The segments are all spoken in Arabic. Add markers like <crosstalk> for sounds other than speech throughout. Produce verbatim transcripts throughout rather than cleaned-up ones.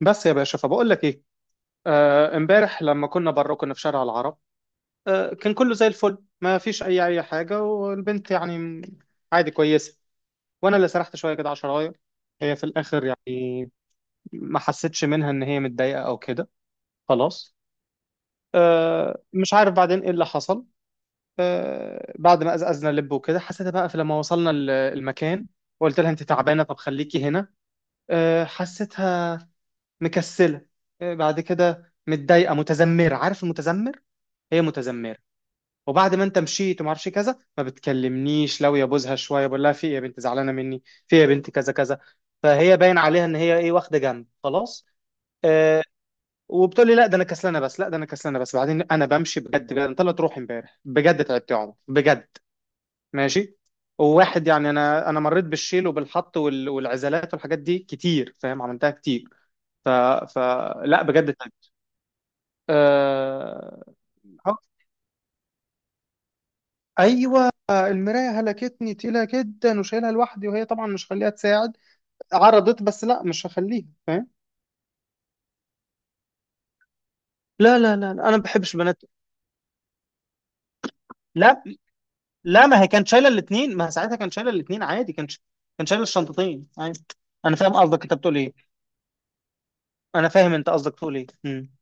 بس يا باشا فبقول لك ايه. آه، امبارح لما كنا بره كنا في شارع العرب. آه، كان كله زي الفل ما فيش اي اي حاجه والبنت يعني م- عادي كويسه. وانا اللي سرحت شويه كده على شرايط هي في الاخر يعني ما حسيتش منها ان هي متضايقه او كده. خلاص. آه، مش عارف بعدين ايه اللي حصل. آه، بعد ما قزقزنا لب وكده حسيتها بقى في لما وصلنا ال- المكان وقلت لها انت تعبانه طب خليكي هنا. آه، حسيتها مكسله. إيه بعد كده متضايقه متذمره عارف المتذمر. هي متذمره. وبعد ما انت مشيت وما اعرفش كذا ما بتكلمنيش لو يبوزها شويه بقول لها في ايه يا بنت زعلانه مني في ايه يا بنت كذا كذا. فهي باين عليها ان هي ايه واخده جنب خلاص. آه. وبتقول لي لا ده انا كسلانه بس لا ده انا كسلانه بس بعدين انا بمشي بجد بجد انت لا تروح امبارح بجد تعبت يا عمر بجد. ماشي. وواحد يعني انا انا مريت بالشيل وبالحط وال- والعزلات والحاجات دي كتير فاهم عملتها كتير. ف... فلا بجد. آه. آه، ايوه المرايه هلكتني تقيله جدا وشايلها لوحدي وهي طبعا مش هخليها تساعد. عرضت بس لا مش هخليها فاهم. لا لا لا لا، انا ما بحبش بنات. لا لا ما هي كانت شايله الاثنين ما هي ساعتها كانت شايله الاثنين عادي كانت ش... كانت شايله الشنطتين عادي. انا فاهم قصدك انت بتقول ايه. انا فاهم انت قصدك تقول ايه. مم.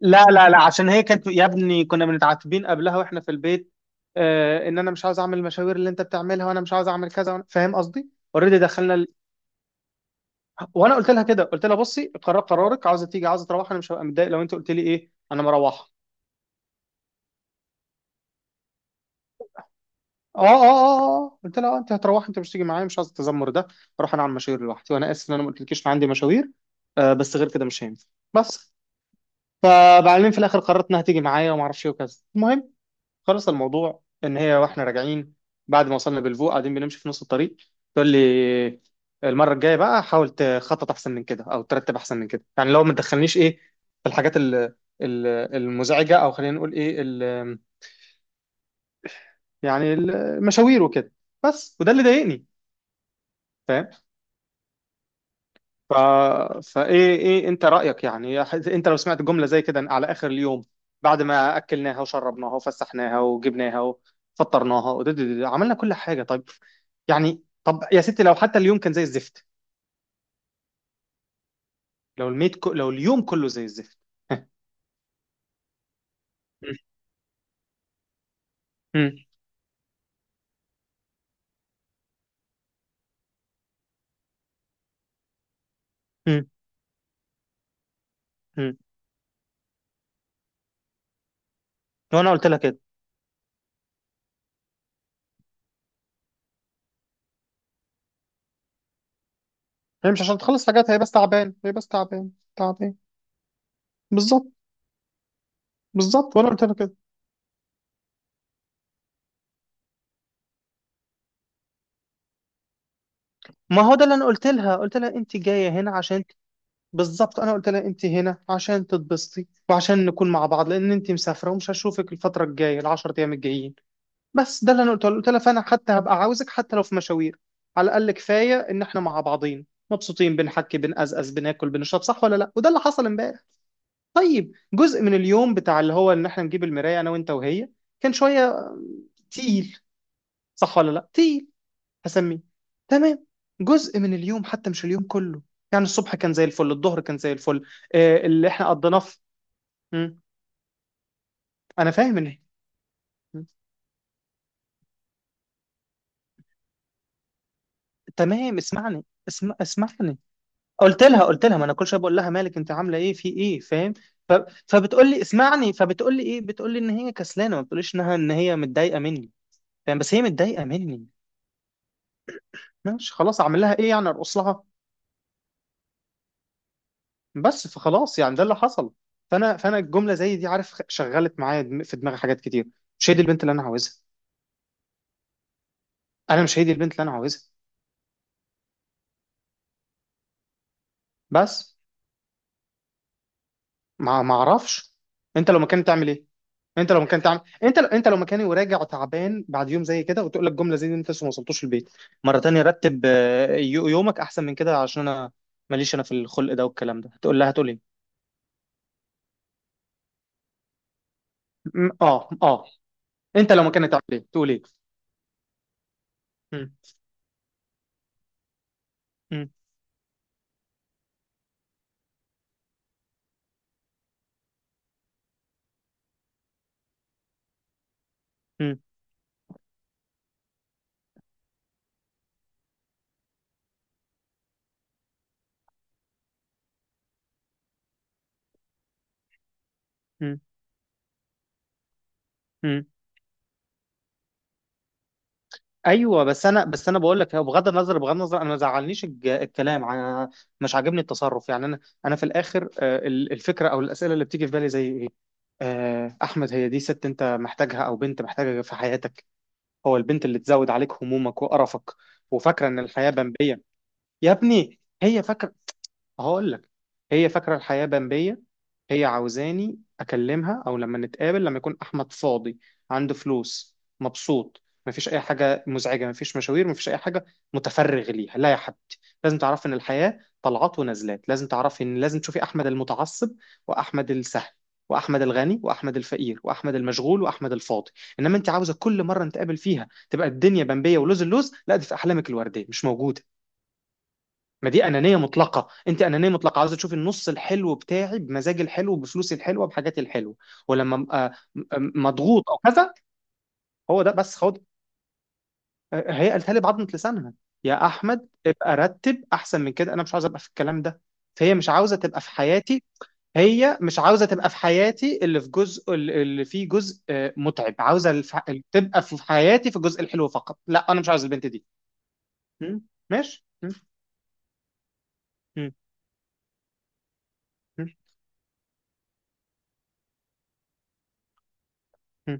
لا لا لا عشان هي كانت يا ابني كنا بنتعاتبين قبلها واحنا في البيت. آه ان انا مش عاوز اعمل المشاوير اللي انت بتعملها وانا مش عاوز اعمل كذا وأنا... فاهم قصدي. اوريدي دخلنا. وانا قلت لها كده قلت لها بصي قرار قرارك عاوزه تيجي عاوزه تروح انا مش هبقى متضايق لو انت قلت لي ايه انا مروحه. اه اه اه اه اه. قلت لها آه، انت هتروح انت مش تيجي معايا مش عايز التذمر ده اروح انا اعمل مشاوير لوحدي وانا اسف ان انا ما قلتلكيش إن عندي مشاوير. آه بس غير كده مش هينفع. بس. فبعدين في الاخر قررت انها تيجي معايا وما اعرفش ايه وكذا المهم. خلص الموضوع ان هي واحنا راجعين بعد ما وصلنا بالفوق قاعدين بنمشي في نص الطريق تقول لي المره الجايه بقى حاول تخطط احسن من كده او ترتب احسن من كده يعني لو ما تدخلنيش ايه في الحاجات ال- ال- المزعجه او خلينا نقول ايه ال- يعني المشاوير وكده بس وده اللي ضايقني فاهم. ف... فايه ايه إيه انت رايك يعني انت لو سمعت جمله زي كده على اخر اليوم بعد ما اكلناها وشربناها وفسحناها وجبناها وفطرناها ودد- عملنا كل حاجه طيب يعني طب يا ستي لو حتى اليوم كان زي الزفت لو الميت كو... لو اليوم كله زي الزفت. <laughs> مم. مم. مم. وانا قلت لها كده هي مش عشان تخلص حاجات هي بس تعبان هي بس تعبان تعبان. بالظبط. بالظبط وانا قلت لها كده ما هو ده اللي انا قلت لها قلت لها انت جايه هنا عشان ت- بالظبط انا قلت لها انت هنا عشان تتبسطي وعشان نكون مع بعض لان انت مسافره ومش هشوفك الفتره الجايه العشر ايام الجايين بس ده اللي انا قلت له قلت لها فانا حتى هبقى عاوزك حتى لو في مشاوير على الاقل كفايه ان احنا مع بعضين مبسوطين بنحكي بنقزقز بناكل بنشرب صح ولا لا وده اللي حصل امبارح. طيب جزء من اليوم بتاع اللي هو ان احنا نجيب المرايه انا وانت وهي كان شويه تقيل صح ولا لا تقيل هسميه تمام. جزء من اليوم حتى مش اليوم كله يعني الصبح كان زي الفل الظهر كان زي الفل. آه، اللي احنا قضيناه في. مم. انا فاهم ان. مم. تمام اسمعني اسم... اسمعني قلت لها قلت لها ما انا كل شويه بقول لها مالك انت عامله ايه في ايه فاهم. ف... فبتقول لي اسمعني فبتقول لي ايه بتقول لي ان هي كسلانه ما بتقوليش انها ان هي متضايقه مني فاهم بس هي متضايقه مني. ماشي خلاص اعمل لها ايه يعني ارقص لها بس فخلاص يعني ده اللي حصل. فانا فانا الجمله زي دي عارف شغلت معايا دم- في دماغي حاجات كتير مش هي دي البنت اللي انا عاوزها انا مش هي دي البنت اللي انا عاوزها بس. ما ما اعرفش. انت لو مكاني تعمل ايه. انت لو مكاني تعمل انت انت لو مكاني وراجع تعبان بعد يوم زي كده وتقول لك جمله زي دي انت لسه ما وصلتوش البيت مره تانية رتب آه، يو- يومك احسن من كده عشان انا ماليش انا في الخلق ده والكلام ده هتقول لها هتقول ايه. م- اه اه. انت لو مكاني تعمل ايه تقول ايه. م- م- م- م- م- ايوه بس انا بس انا بقول لك هو بغض النظر بغض النظر انا ما زعلنيش الج- الكلام انا مش عاجبني التصرف يعني انا انا في الاخر آه، ال- الفكره او الاسئله اللي بتيجي في بالي زي ايه. آه، احمد هي دي ست انت محتاجها او بنت محتاجها في حياتك. هو البنت اللي تزود عليك همومك وقرفك وفاكره ان الحياه بمبيه. يا ابني هي فاكره. هقول لك. هي فاكرة الحياة بمبية. هي عاوزاني أكلمها أو لما نتقابل لما يكون أحمد فاضي عنده فلوس مبسوط مفيش أي حاجة مزعجة مفيش مشاوير مفيش أي حاجة متفرغ ليها. لا يا حبيبتي لازم تعرفي إن الحياة طلعات ونزلات لازم تعرفي إن لازم تشوفي أحمد المتعصب وأحمد السهل وأحمد الغني وأحمد الفقير وأحمد المشغول وأحمد الفاضي. إنما أنت عاوزة كل مرة نتقابل فيها تبقى الدنيا بمبية ولوز اللوز لا دي في أحلامك الوردية مش موجودة. ما دي انانيه مطلقه انت انانيه مطلقه عاوزه تشوفي النص الحلو بتاعي بمزاجي الحلو بفلوسي الحلوه بحاجاتي الحلوه. ولما ابقى م- آه، م- آه، مضغوط او كذا. هو ده بس خد. آه، هي قالتها لي بعضمه لسانها يا احمد ابقى رتب احسن من كده انا مش عاوز ابقى في الكلام ده. فهي مش عاوزه تبقى في حياتي. هي مش عاوزه تبقى في حياتي اللي في جزء اللي فيه جزء آه، متعب عاوزه الف... تبقى في حياتي في الجزء الحلو فقط لا انا مش عاوز البنت دي. م? ماشي م? م? م?.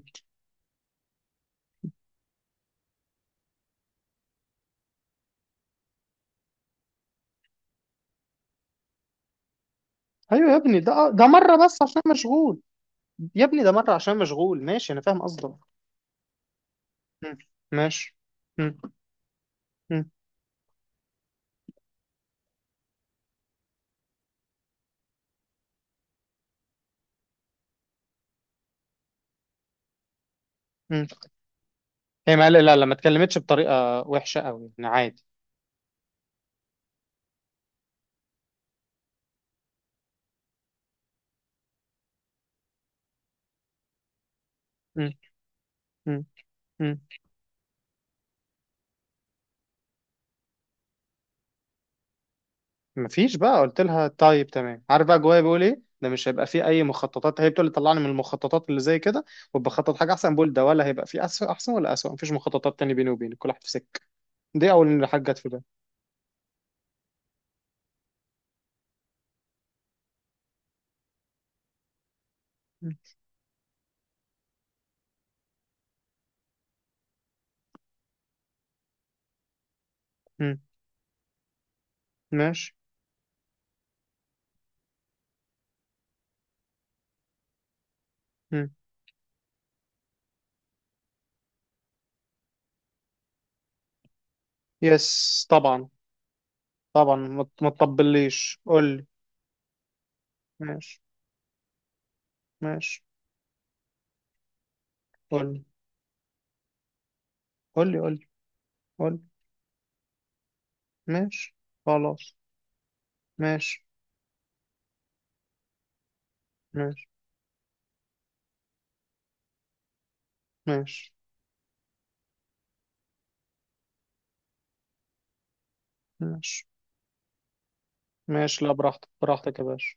ايوه يا ابني ده آه، ده مره بس عشان مشغول. يا ابني ده مره عشان مشغول ماشي انا فاهم قصدك. مم. ماشي. مم. مم. مم. هي ما لا لا لا، ما اتكلمتش بطريقه وحشه قوي يعني عادي. مم. مم. مم. مفيش بقى قلت لها طيب تمام عارف بقى جوايا بيقول ايه ده مش هيبقى فيه اي مخططات هي بتقول لي طلعني من المخططات اللي زي كده وبخطط حاجه احسن بقول ده ولا هيبقى فيه أسوأ احسن ولا اسوء مفيش مخططات تاني بيني وبينك كل واحد في سكه. دي اول حاجه جت في بالي. مم. مم. ماشي. مم. يس طبعا. طبعا ما ما تطبليش قول لي. ماشي ماشي قول لي قول لي قول لي قول لي ماشي خلاص ماشي ماشي ماشي ماشي ماشي لا براحتك براحتك يا باشا.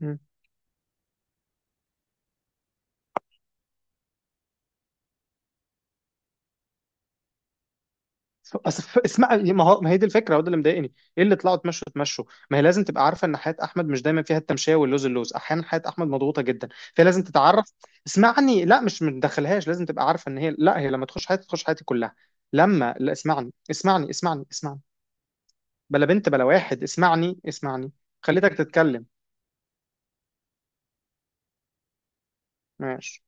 مم. أصف... اسمع ما هو ما هي دي الفكره هو ده اللي مضايقني ايه اللي طلعوا تمشوا تمشوا ما هي لازم تبقى عارفه ان حياه احمد مش دايما فيها التمشيه واللوز اللوز احيانا حياه احمد مضغوطه جدا. فهي لازم تتعرف. اسمعني لا مش متدخلهاش لازم تبقى عارفه ان هي لا هي لما تخش حياتي تخش حياتي كلها لما لا اسمعني اسمعني اسمعني اسمعني بلا بنت بلا واحد اسمعني اسمعني خليتك تتكلم. ماشي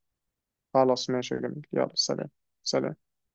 خلاص ماشي يا جميل يلا سلام. سلام.